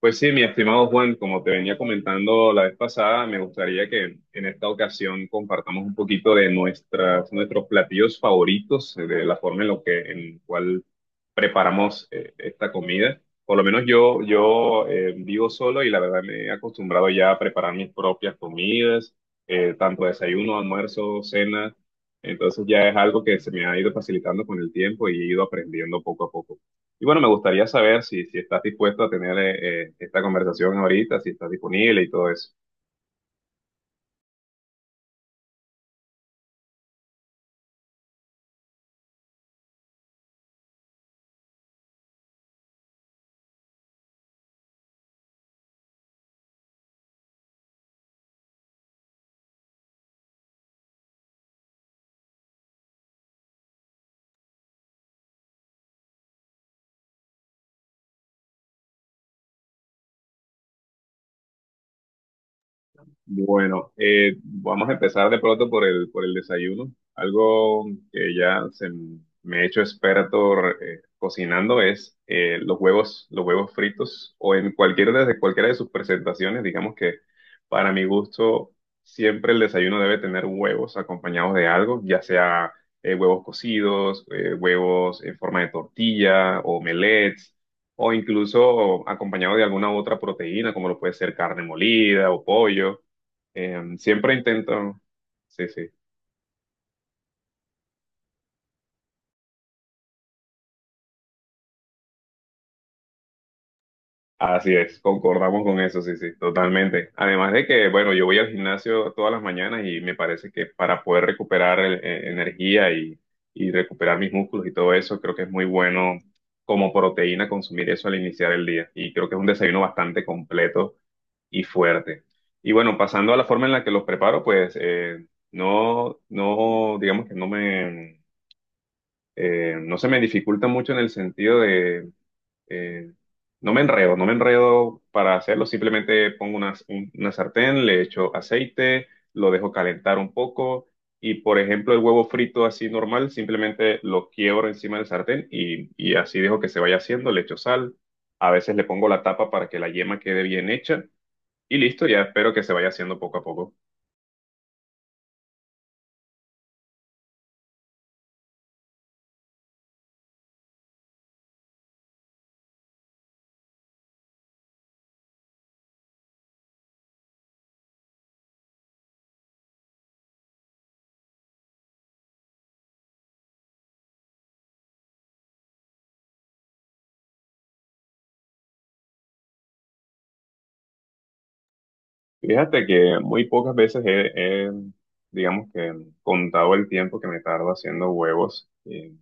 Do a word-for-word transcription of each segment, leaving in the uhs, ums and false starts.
Pues sí, mi estimado Juan, como te venía comentando la vez pasada, me gustaría que en esta ocasión compartamos un poquito de nuestras, nuestros platillos favoritos, eh, de la forma en lo que, en cual preparamos eh, esta comida. Por lo menos yo, yo eh, vivo solo y la verdad me he acostumbrado ya a preparar mis propias comidas, eh, tanto desayuno, almuerzo, cena. Entonces ya es algo que se me ha ido facilitando con el tiempo y he ido aprendiendo poco a poco. Y bueno, me gustaría saber si, si estás dispuesto a tener eh, eh, esta conversación ahorita, si estás disponible y todo eso. Bueno, eh, vamos a empezar de pronto por el, por el desayuno. Algo que ya se m- me he hecho experto eh, cocinando es eh, los huevos, los huevos fritos o en cualquiera de, cualquiera de sus presentaciones. Digamos que para mi gusto siempre el desayuno debe tener huevos acompañados de algo, ya sea eh, huevos cocidos, eh, huevos en forma de tortilla, omelets o incluso acompañado de alguna otra proteína, como lo puede ser carne molida o pollo. Em, siempre intento, sí, sí, así es, concordamos con eso, sí, sí, totalmente. Además de que, bueno, yo voy al gimnasio todas las mañanas y me parece que para poder recuperar el- eh, energía y, y recuperar mis músculos y todo eso, creo que es muy bueno como proteína consumir eso al iniciar el día. Y creo que es un desayuno bastante completo y fuerte. Y bueno, pasando a la forma en la que los preparo, pues eh, no, no, digamos que no me, eh, no se me dificulta mucho en el sentido de. Eh, no me enredo, no me enredo para hacerlo, simplemente pongo una, un- una sartén, le echo aceite, lo dejo calentar un poco y, por ejemplo, el huevo frito así normal, simplemente lo quiebro encima del sartén y, y así dejo que se vaya haciendo, le echo sal, a veces le pongo la tapa para que la yema quede bien hecha y listo, ya espero que se vaya haciendo poco a poco. Fíjate que muy pocas veces he, he, digamos que, contado el tiempo que me tardo haciendo huevos. Eh,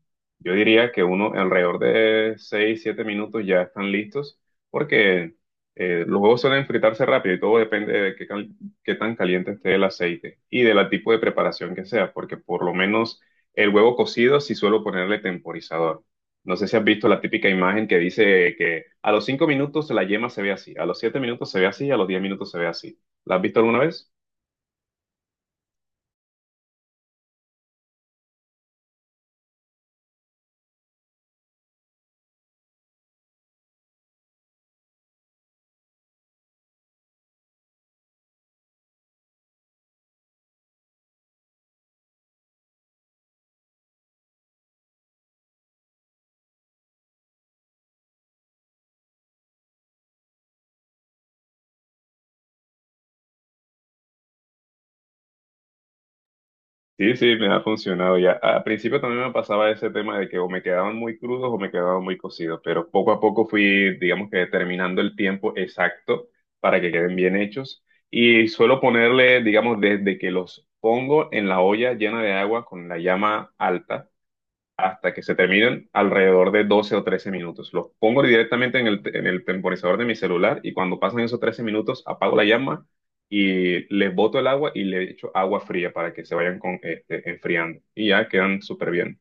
Yo diría que uno alrededor de seis siete minutos ya están listos, porque eh, los huevos suelen fritarse rápido y todo depende de qué, cal- qué tan caliente esté el aceite y del tipo de preparación que sea, porque por lo menos el huevo cocido sí suelo ponerle temporizador. No sé si has visto la típica imagen que dice que a los cinco minutos la yema se ve así, a los siete minutos se ve así, a los diez minutos se ve así. ¿La has visto alguna vez? Sí, sí, me ha funcionado ya. Al principio también me pasaba ese tema de que o me quedaban muy crudos o me quedaban muy cocidos, pero poco a poco fui, digamos que determinando el tiempo exacto para que queden bien hechos. Y suelo ponerle, digamos, desde que los pongo en la olla llena de agua con la llama alta hasta que se terminen alrededor de doce o trece minutos. Los pongo directamente en el, te- en el temporizador de mi celular y cuando pasan esos trece minutos apago la llama y les boto el agua y le echo agua fría para que se vayan con, este, enfriando. Y ya quedan súper bien.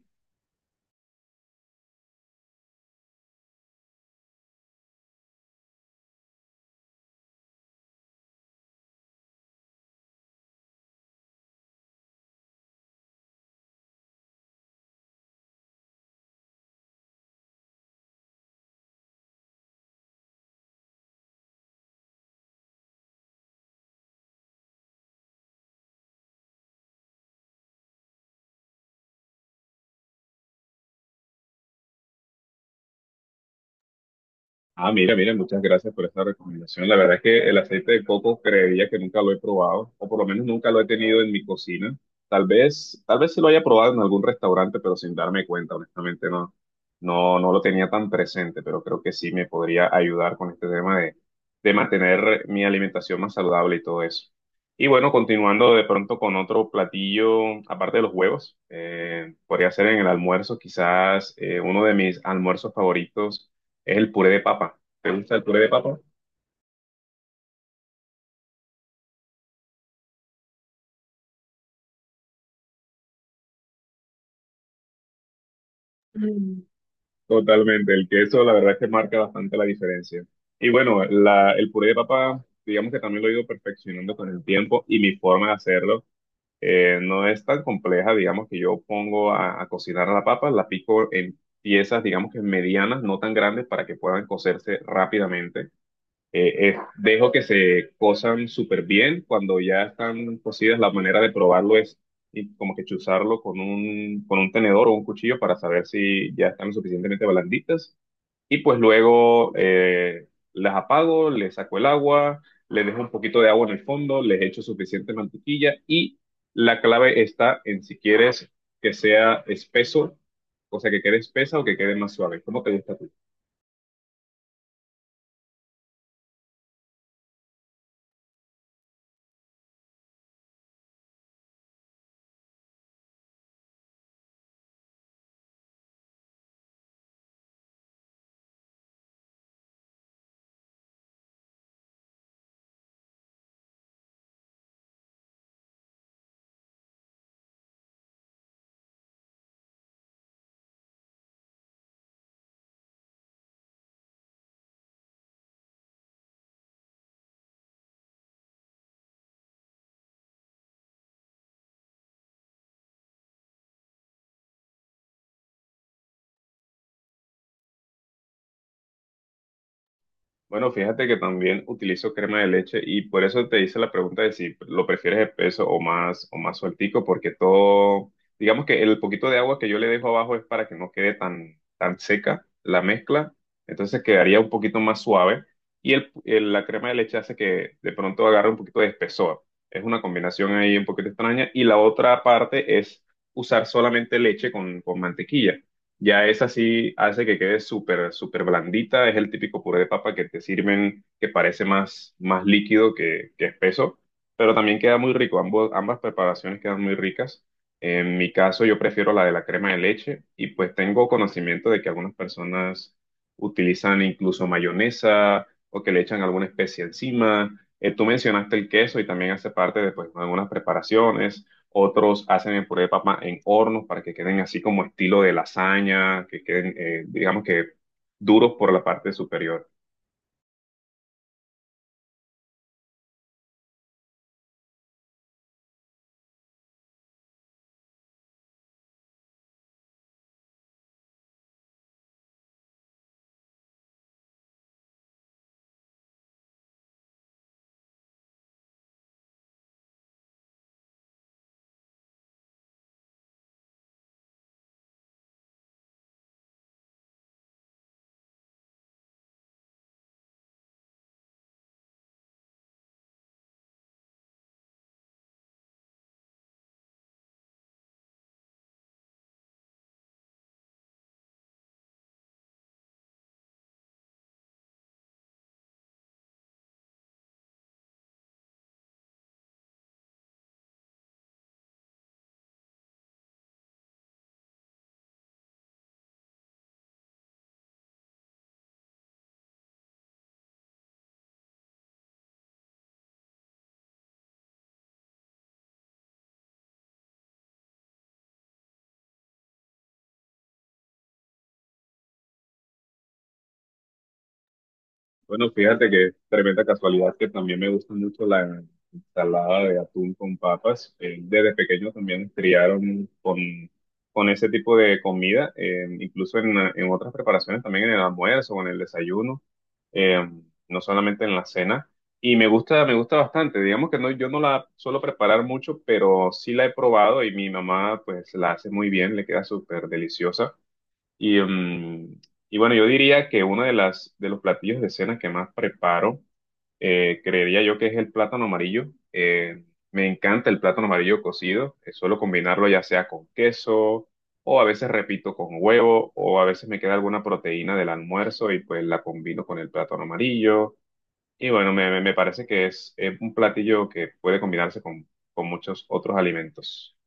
Ah, mira, mira, muchas gracias por esta recomendación. La verdad es que el aceite de coco creería que nunca lo he probado, o por lo menos nunca lo he tenido en mi cocina. Tal vez, tal vez se lo haya probado en algún restaurante, pero sin darme cuenta, honestamente no, no, no lo tenía tan presente, pero creo que sí me podría ayudar con este tema de, de mantener mi alimentación más saludable y todo eso. Y bueno, continuando de pronto con otro platillo, aparte de los huevos, eh, podría ser en el almuerzo, quizás eh, uno de mis almuerzos favoritos es el puré de papa. ¿Te gusta el puré de papa? Mm. Totalmente, el queso la verdad es que marca bastante la diferencia. Y bueno, la, el puré de papa, digamos que también lo he ido perfeccionando con el tiempo y mi forma de hacerlo eh, no es tan compleja, digamos que yo pongo a, a cocinar la papa, la pico en piezas, digamos que medianas, no tan grandes para que puedan cocerse rápidamente. Eh, es- dejo que se cosan súper bien. Cuando ya están cocidas, la manera de probarlo es y como que chuzarlo con un, con un tenedor o un cuchillo para saber si ya están lo suficientemente blanditas. Y pues luego eh, las apago, les saco el agua, les dejo un poquito de agua en el fondo, les echo suficiente mantequilla y la clave está en si quieres que sea espeso, o sea, que quede espesa o que quede más suave. ¿Cómo te gusta a ti? Bueno, fíjate que también utilizo crema de leche y por eso te hice la pregunta de si lo prefieres espeso o más o más sueltico, porque todo, digamos que el poquito de agua que yo le dejo abajo es para que no quede tan, tan seca la mezcla, entonces quedaría un poquito más suave y el, el- la crema de leche hace que de pronto agarre un poquito de espesor. Es una combinación ahí un poquito extraña y la otra parte es usar solamente leche con, con mantequilla. Ya esa sí hace que quede súper, súper blandita. Es el típico puré de papa que te sirven que parece más, más líquido que, que espeso, pero también queda muy rico. Ambos, ambas preparaciones quedan muy ricas. En mi caso, yo prefiero la de la crema de leche y pues tengo conocimiento de que algunas personas utilizan incluso mayonesa o que le echan alguna especie encima. Eh, tú mencionaste el queso y también hace parte de pues, algunas preparaciones otros hacen el puré de papa en hornos para que queden así como estilo de lasaña, que queden, eh, digamos que duros por la parte superior. Bueno, fíjate que tremenda casualidad que también me gusta mucho la ensalada de atún con papas. Eh, desde pequeño también nos criaron con, con ese tipo de comida, eh, incluso en, en otras preparaciones, también en el almuerzo o en el desayuno, eh, no solamente en la cena. Y me gusta, me gusta bastante. Digamos que no, yo no la suelo preparar mucho, pero sí la he probado y mi mamá pues la hace muy bien, le queda súper deliciosa. Y, mm, y bueno, yo diría que uno de las de los platillos de cena que más preparo, eh, creería yo que es el plátano amarillo. Eh, me encanta el plátano amarillo cocido. Eh, suelo combinarlo ya sea con queso o a veces repito con huevo o a veces me queda alguna proteína del almuerzo y pues la combino con el plátano amarillo. Y bueno, me, me me parece que es, es un platillo que puede combinarse con, con muchos otros alimentos.